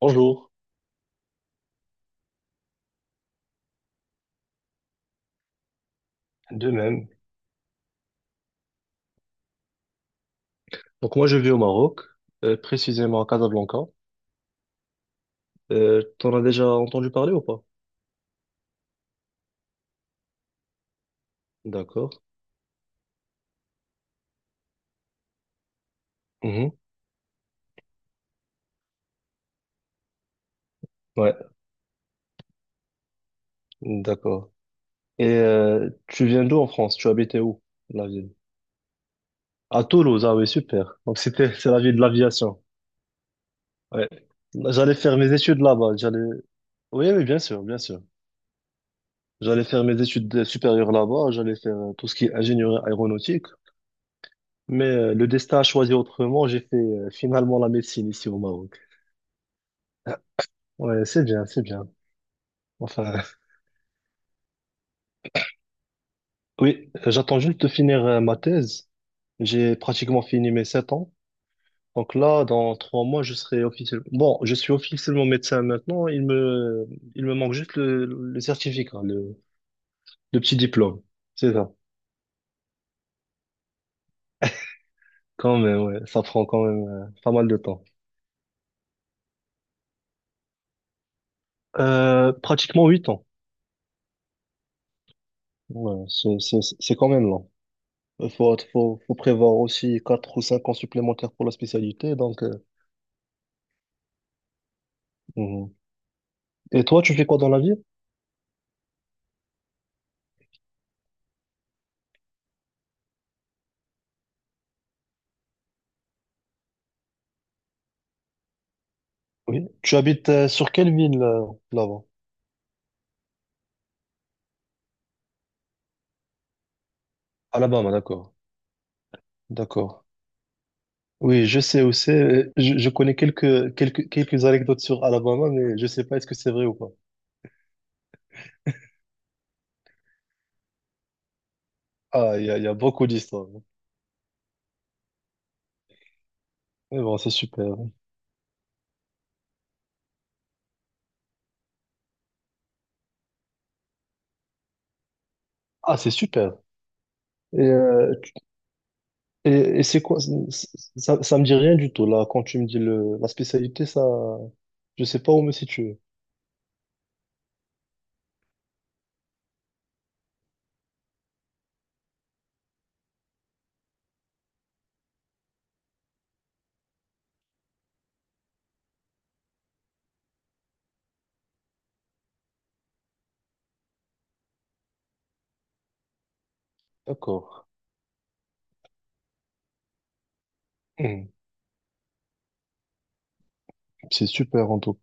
Bonjour, de même. Donc moi je vis au Maroc, précisément à Casablanca. T'en as déjà entendu parler ou pas? D'accord. Mhm. Ouais, d'accord. Et tu viens d'où en France? Tu habitais où, la ville? À Toulouse, ah oui, super. Donc c'est la ville de l'aviation. Ouais. J'allais faire mes études là-bas. J'allais. Oui, oui, bien sûr, bien sûr. J'allais faire mes études supérieures là-bas. J'allais faire tout ce qui est ingénierie aéronautique. Mais le destin a choisi autrement. J'ai fait finalement la médecine ici au Maroc. Ouais, c'est bien, c'est bien. Enfin, oui, j'attends juste de finir ma thèse. J'ai pratiquement fini mes 7 ans. Donc là, dans 3 mois, je serai officiellement... Bon, je suis officiellement médecin maintenant. Il me manque juste le certificat, hein, le petit diplôme. C'est ça. Quand même, ouais. Ça prend quand même pas mal de temps. Pratiquement 8 ans. Ouais, c'est quand même long. Il faut prévoir aussi 4 ou 5 ans supplémentaires pour la spécialité. Donc, mhm. Et toi, tu fais quoi dans la vie? Oui. Tu habites sur quelle ville là-bas? Alabama, d'accord. D'accord. Oui, je sais où c'est. Je connais quelques anecdotes sur Alabama, mais je sais pas est-ce que c'est vrai ou pas. Ah, il y a beaucoup d'histoires. Mais bon, c'est super. Ah, c'est super. Et, euh, et, et c'est quoi? Ça me dit rien du tout, là. Quand tu me dis la spécialité, ça, je sais pas où me situer. D'accord. Hmm. C'est super en tout.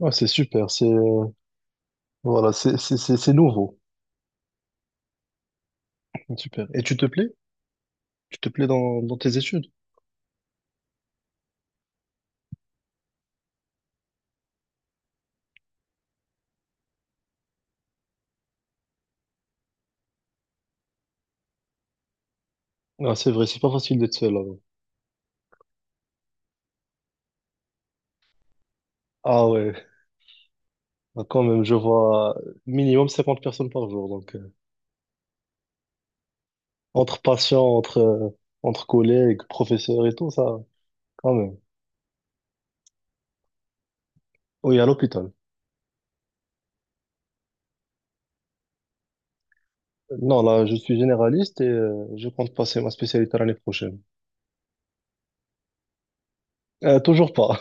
Ah, c'est super. C'est voilà, c'est nouveau. Super. Et tu te plais? Tu te plais dans tes études? Ah, c'est vrai, c'est pas facile d'être seul là-bas. Ah ouais. Ah, quand même, je vois minimum 50 personnes par jour. Donc entre patients, entre collègues, professeurs et tout ça, quand même. Oui, à l'hôpital. Non, là, je suis généraliste et je compte passer ma spécialité l'année prochaine. Toujours pas,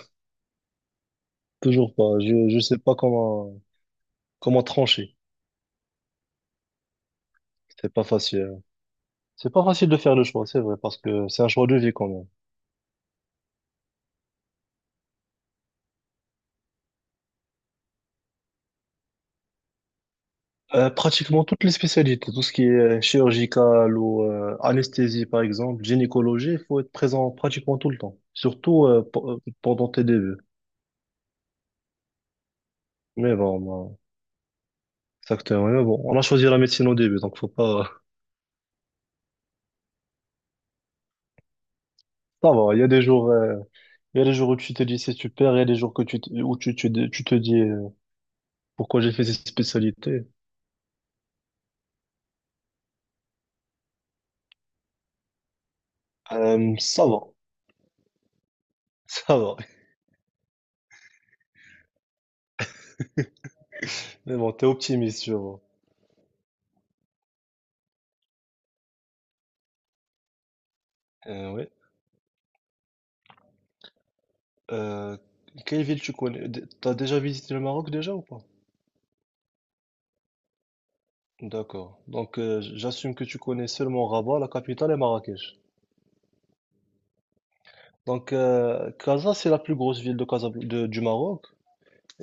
toujours pas. Je sais pas comment trancher. C'est pas facile, hein. C'est pas facile de faire le choix, c'est vrai, parce que c'est un choix de vie quand même. Pratiquement toutes les spécialités, tout ce qui est chirurgical ou anesthésie par exemple, gynécologie, il faut être présent pratiquement tout le temps, surtout pendant tes débuts. Mais bon, exactement. Mais bon, on a choisi la médecine au début, donc faut pas. Ça va. Il y a des jours où tu te dis c'est super, il y a des jours que où tu te dis pourquoi j'ai fait cette spécialité. Ça va, ça va. Mais bon, t'es optimiste, je vois. Ouais. Euh, quelle ville tu connais? T'as déjà visité le Maroc déjà ou pas? D'accord. Donc j'assume que tu connais seulement Rabat, la capitale, et Marrakech. Donc Casa, c'est la plus grosse ville de du Maroc.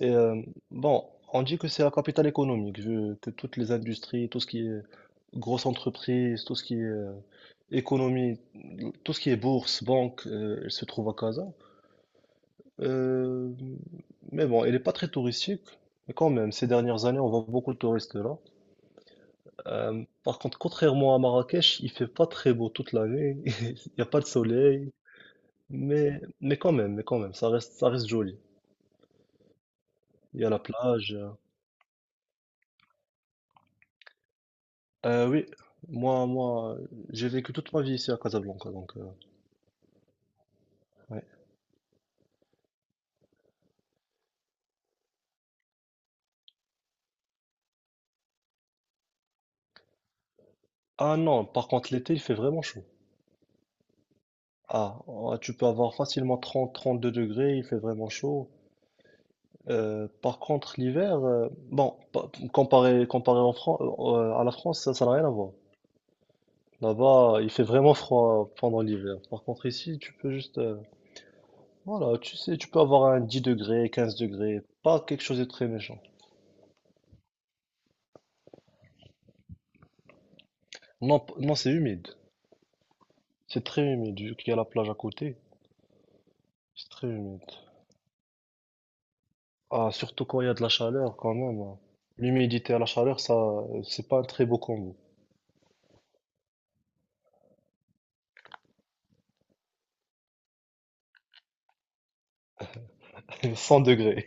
Et bon, on dit que c'est la capitale économique, vu que toutes les industries, tout ce qui est grosses entreprises, tout ce qui est économie, tout ce qui est bourse, banque, elle se trouve à Casa. Euh, mais bon, elle n'est pas très touristique, mais quand même, ces dernières années, on voit beaucoup de touristes là. Par contre, contrairement à Marrakech, il fait pas très beau toute l'année. Il n'y a pas de soleil, mais quand même, mais quand même, ça reste joli. Il y a la plage. Oui, moi, j'ai vécu toute ma vie ici à Casablanca, donc ouais. Ah non, par contre l'été, il fait vraiment chaud. Ah, ah, tu peux avoir facilement 30 32 degrés, il fait vraiment chaud. Par contre l'hiver, bon, comparé à la France, ça n'a rien à voir. Là-bas, il fait vraiment froid pendant l'hiver. Par contre, ici, tu peux juste, voilà, tu sais, tu peux avoir un 10 degrés, 15 degrés, pas quelque chose de très méchant. Non, non, c'est humide. C'est très humide, vu qu'il y a la plage à côté. C'est très humide. Ah, surtout quand il y a de la chaleur, quand même, hein. L'humidité à la chaleur, ça, c'est pas un très beau combo. 100 degrés.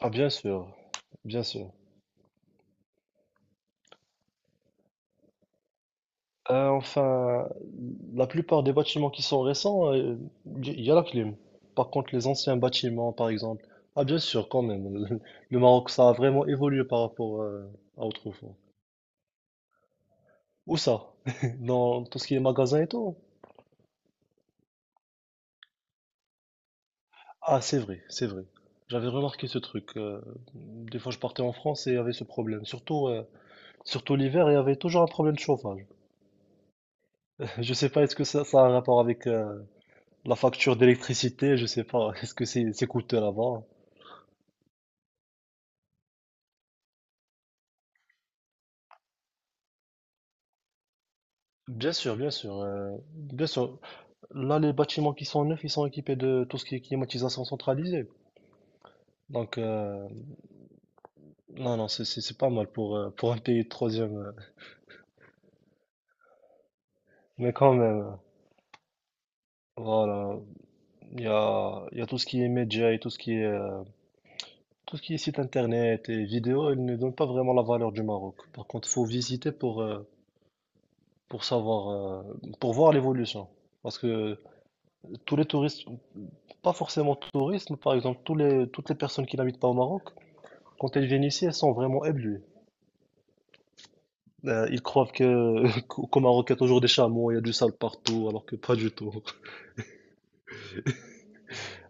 Ah, bien sûr, bien sûr. Enfin, la plupart des bâtiments qui sont récents, il y a la clim. Par contre, les anciens bâtiments, par exemple, ah bien sûr, quand même, le Maroc, ça a vraiment évolué par rapport à autrefois. Où ça? Dans tout ce qui est magasin et tout? Ah, c'est vrai, c'est vrai. J'avais remarqué ce truc. Des fois, je partais en France et il y avait ce problème. Surtout, l'hiver, il y avait toujours un problème de chauffage. Je sais pas, est-ce que ça a un rapport avec la facture d'électricité? Je sais pas, est-ce que c'est coûteux là-bas? Bien sûr, bien sûr, bien sûr. Là, les bâtiments qui sont neufs, ils sont équipés de tout ce qui est climatisation centralisée. Donc, non, non, c'est pas mal pour un pays de troisième. Mais quand même, voilà, il y a tout ce qui est médias et tout ce qui est site internet et vidéo, ils ne donnent pas vraiment la valeur du Maroc. Par contre, faut visiter pour savoir, pour voir l'évolution. Parce que tous les touristes, pas forcément touristes, mais par exemple, toutes les personnes qui n'habitent pas au Maroc, quand ils viennent ici, elles sont vraiment éblouies. Ils croient que qu'au Maroc, il y a toujours des chameaux, il y a du sale partout, alors que pas du tout.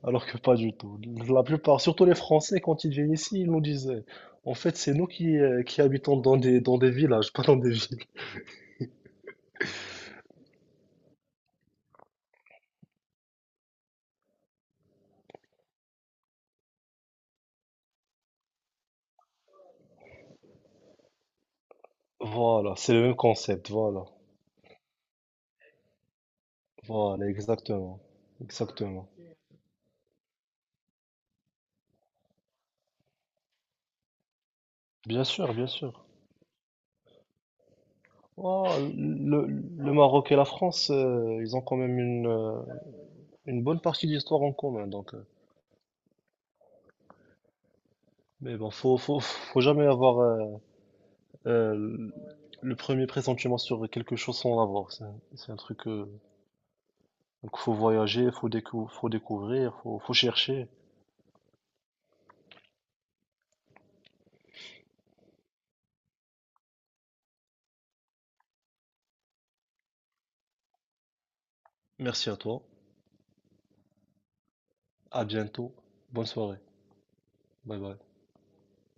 Alors que pas du tout. La plupart, surtout les Français, quand ils viennent ici, ils nous disaient, en fait, c'est nous qui habitons dans des villages, pas dans des villes. Voilà, c'est le même concept, voilà. Voilà, exactement. Exactement. Bien sûr, bien sûr. Oh, le Maroc et la France, ils ont quand même une bonne partie d'histoire en commun, donc. Mais bon, faut jamais avoir, Euh, le premier pressentiment sur quelque chose sans l'avoir, c'est un truc. Donc faut voyager, faut découvrir, faut chercher. Merci à toi. À bientôt. Bonne soirée. Bye bye.